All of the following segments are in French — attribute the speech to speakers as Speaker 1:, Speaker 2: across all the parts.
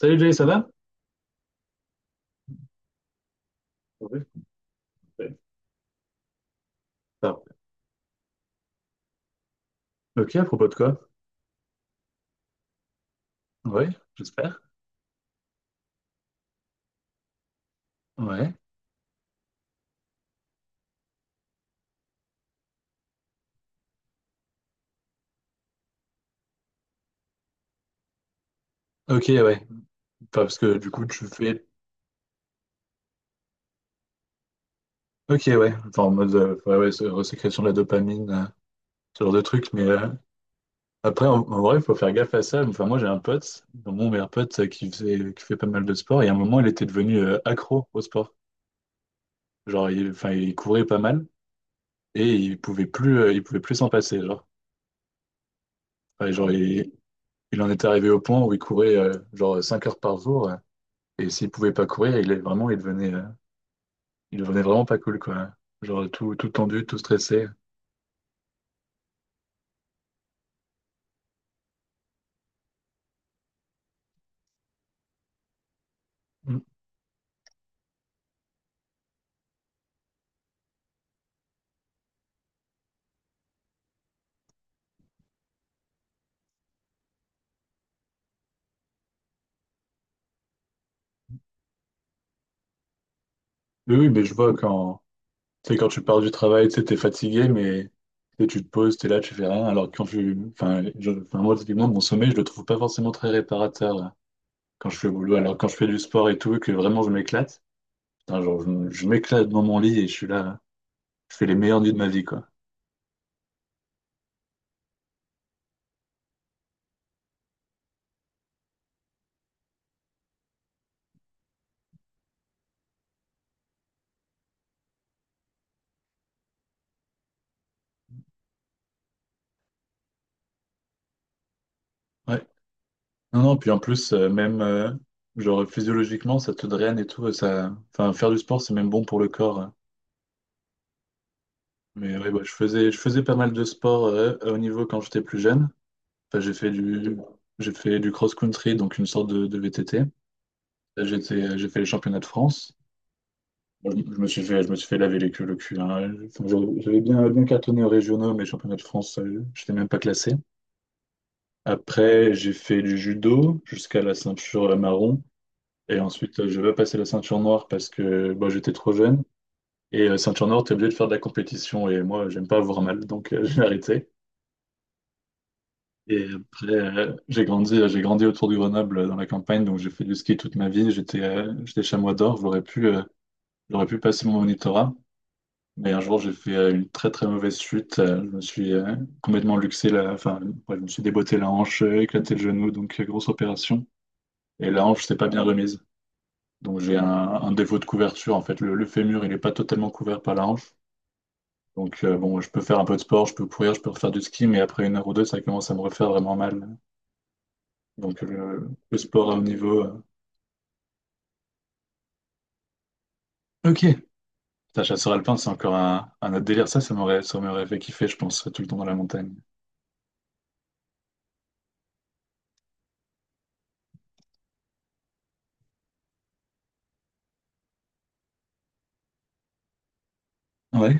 Speaker 1: Salut Jay, ça va? Oui, parfait. Parfait. Ok, à propos de quoi? Ouais, j'espère. Ouais. Ok, ouais. Enfin, parce que du coup, tu fais. Ok, ouais. Enfin, en mode ouais, ouais, c'est resécrétion de la dopamine, ce genre de truc. Mais après, en vrai, il faut faire gaffe à ça. Enfin, moi, j'ai un pote, donc mon meilleur pote, qui fait pas mal de sport. Et à un moment, il était devenu accro au sport. Genre, enfin, il courait pas mal et il pouvait plus s'en passer. Genre, Enfin, Ah genre ouais. Il en était arrivé au point où il courait genre 5 heures par jour. Et s'il pouvait pas courir, il est vraiment, il devenait vraiment pas cool, quoi. Genre tout tendu, tout stressé. Mm. Oui, oui, mais je vois quand, tu sais, quand tu pars du travail, tu sais, t'es fatigué, mais tu sais, tu te poses, t'es là, tu fais rien. Alors que quand tu, enfin, je- enfin, moi, typiquement, mon sommeil, je le trouve pas forcément très réparateur là, quand je fais le boulot. Alors quand je fais du sport et tout, et que vraiment je m'éclate, putain, genre, je m'éclate dans mon lit et je suis là, je fais les meilleures nuits de ma vie, quoi. Ouais. Non, non, puis en plus, même genre physiologiquement, ça te draine et tout. Et ça... Enfin, faire du sport, c'est même bon pour le corps, hein. Mais ouais, bah, je faisais pas mal de sport à haut niveau quand j'étais plus jeune. Enfin, j'ai fait du cross-country, donc une sorte de VTT. J'étais, j'ai fait les championnats de France. Bon, je me suis fait laver les culs, le cul, hein. Enfin, j'avais bien cartonné aux régionaux, mais championnats de France, je j'étais même pas classé. Après, j'ai fait du judo jusqu'à la ceinture marron. Et ensuite, je veux passer la ceinture noire parce que bah, j'étais trop jeune. Et ceinture noire, t'es obligé de faire de la compétition. Et moi, j'aime pas avoir mal, donc j'ai arrêté. Et après, j'ai grandi autour de Grenoble, dans la campagne, donc j'ai fait du ski toute ma vie. J'étais j'étais chamois d'or, j'aurais pu passer mon monitorat. Mais un jour, j'ai fait une très très mauvaise chute. Je me suis complètement luxé, la... enfin, ouais, je me suis déboîté la hanche, éclaté le genou, donc grosse opération. Et la hanche, c'est pas bien remise. Donc j'ai un défaut de couverture en fait. Le fémur, il n'est pas totalement couvert par la hanche. Donc bon, je peux faire un peu de sport, je peux courir, je peux refaire du ski, mais après 1 heure ou 2, ça commence à me refaire vraiment mal. Donc le sport à haut niveau. Ok, ta chasseur alpin, c'est encore un autre délire. Ça m'aurait fait kiffer, je pense, tout le temps dans la montagne. Ouais,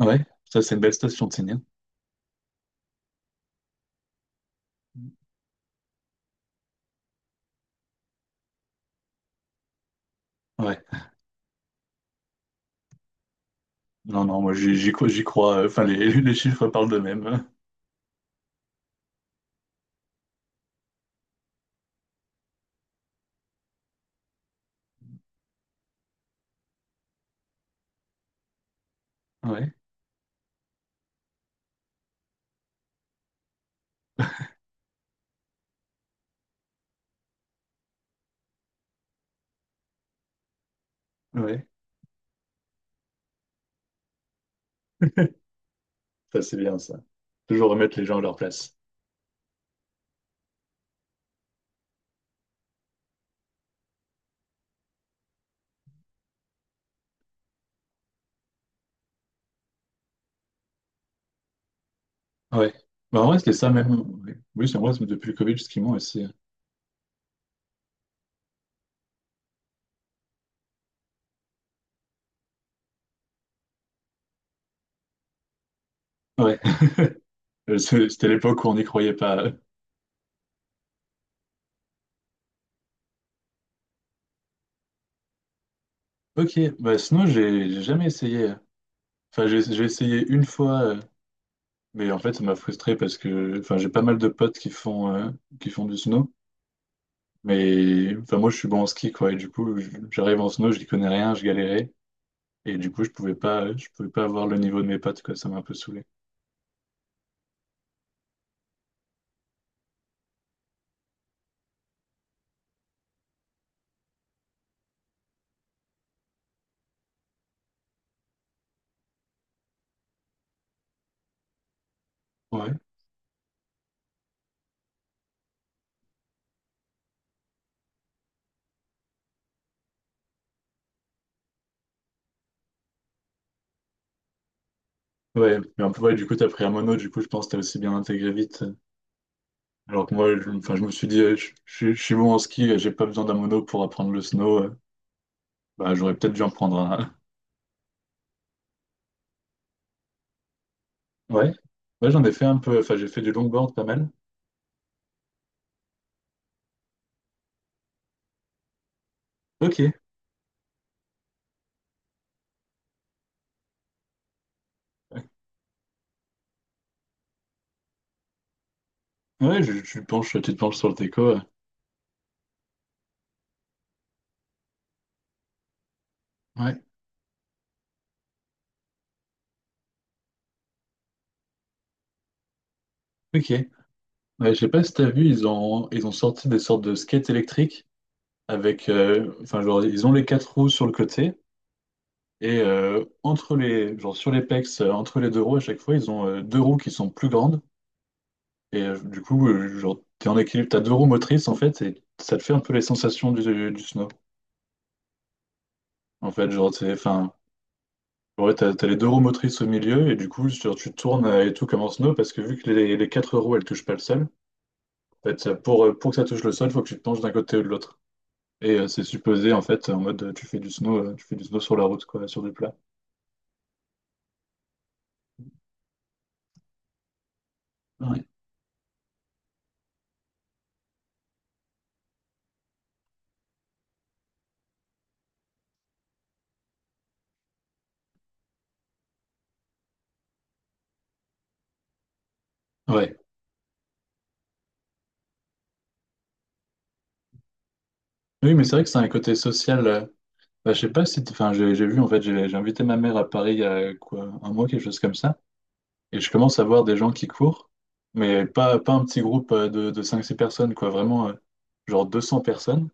Speaker 1: ouais. Ça, c'est une belle station de Sénien. Ouais. Non, non, moi j'y crois, j'y crois, enfin, les, les chiffres parlent d'eux-mêmes. Ouais, ouais. Ça, c'est bien ça. Toujours remettre les gens à leur place. Ouais. Bah, en vrai, c'était ça même. Ouais. Oui, c'est en vrai, c'est depuis le Covid, justement, aussi. Ouais. C'est- c'était l'époque où on n'y croyait pas. Ok, bah sinon, j'ai jamais essayé, hein. Enfin, j'ai essayé une fois, mais en fait, ça m'a frustré parce que enfin, j'ai pas mal de potes qui font du snow. Mais enfin, moi, je suis bon en ski, quoi. Et du coup, je- j'arrive en snow, je n'y connais rien, je galérais. Et du coup, je pouvais pas avoir le niveau de mes potes, quoi. Ça m'a un peu saoulé. Ouais. Ouais. Mais un peu, ouais, du coup, t'as pris un mono, du coup, je pense que t'as aussi bien intégré vite. Alors que moi, je, enfin, je me suis dit, je suis bon en ski, j'ai pas besoin d'un mono pour apprendre le snow. Bah, j'aurais peut-être dû en prendre un. Ouais, ouais, j'en ai fait un peu. Enfin, j'ai fait du longboard pas mal. Ok. Ouais, je penche, tu te penches sur le déco. Ouais, ok. Ouais, je sais pas si t'as vu, ils ont sorti des sortes de skates électriques avec, enfin, genre, ils ont les quatre roues sur le côté et entre les, genre, sur les pecs, entre les deux roues à chaque fois, ils ont deux roues qui sont plus grandes. Et du coup, genre, t'es en équilibre, t'as deux roues motrices en fait, et ça te fait un peu les sensations du snow. En fait, genre, c'est, enfin, ouais, t'as les deux roues motrices au milieu, et du coup, genre, tu tournes et tout comme en snow, parce que vu que les quatre roues, elles touchent pas le sol, en fait, pour que ça touche le sol, faut que tu te penches d'un côté ou de l'autre. Et c'est supposé, en fait, en mode, tu fais du snow, tu fais du snow sur la route, quoi, sur du plat. Ouais. Ouais. Oui, mais c'est vrai que c'est un côté social. Bah, je sais pas si, t'- enfin, j'ai vu, en fait, j'ai invité ma mère à Paris il y a, quoi, 1 mois, quelque chose comme ça. Et je commence à voir des gens qui courent, mais pas un petit groupe de 5 6 personnes, quoi, vraiment genre 200 personnes.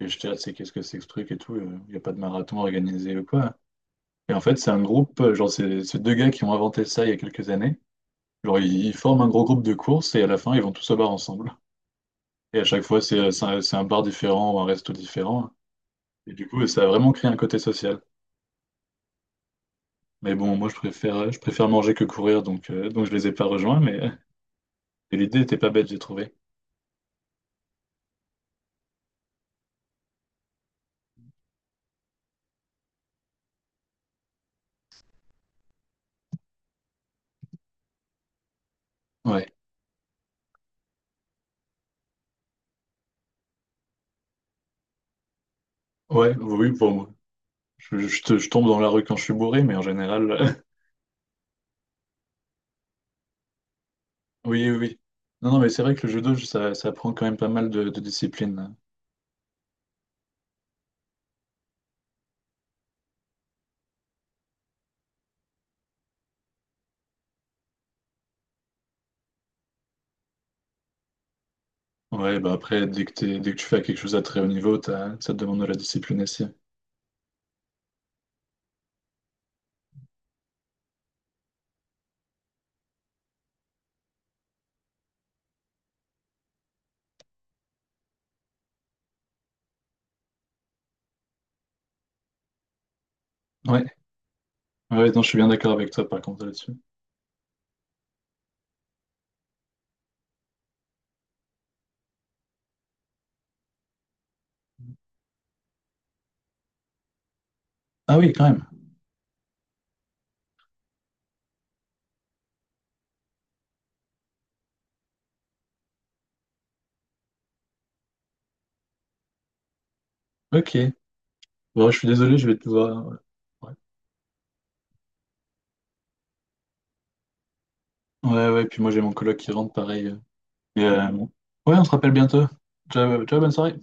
Speaker 1: Et je dis, ah, c'est qu'est-ce que c'est que ce truc et tout, il n'y a pas de marathon organisé ou quoi. Et en fait, c'est un groupe, genre, c'est deux gars qui ont inventé ça il y a quelques années. Genre, ils forment un gros groupe de course et à la fin, ils vont tous au bar ensemble. Et à chaque fois, c'est un bar différent ou un resto différent. Et du coup, ça a vraiment créé un côté social. Mais bon, moi, je préfère manger que courir, donc je les ai pas rejoints, mais l'idée était pas bête, j'ai trouvé. Ouais. Ouais, oui, pour moi. Je tombe dans la rue quand je suis bourré, mais en général, oui, oui, oui. Non, non, mais c'est vrai que le judo, ça prend quand même pas mal de discipline. Ouais, bah après, dès que t'es- dès que tu fais quelque chose à très haut niveau, t'as- ça te demande de la discipline aussi. Ouais, ouais, non, je suis bien d'accord avec toi par contre là-dessus. Ah oui, quand même. Ok. Bon, je suis désolé, je vais devoir. Ouais, ouais, ouais, puis moi j'ai mon coloc qui rentre pareil. Et, bon. Ouais, on se rappelle bientôt. Ciao, ciao, bonne soirée.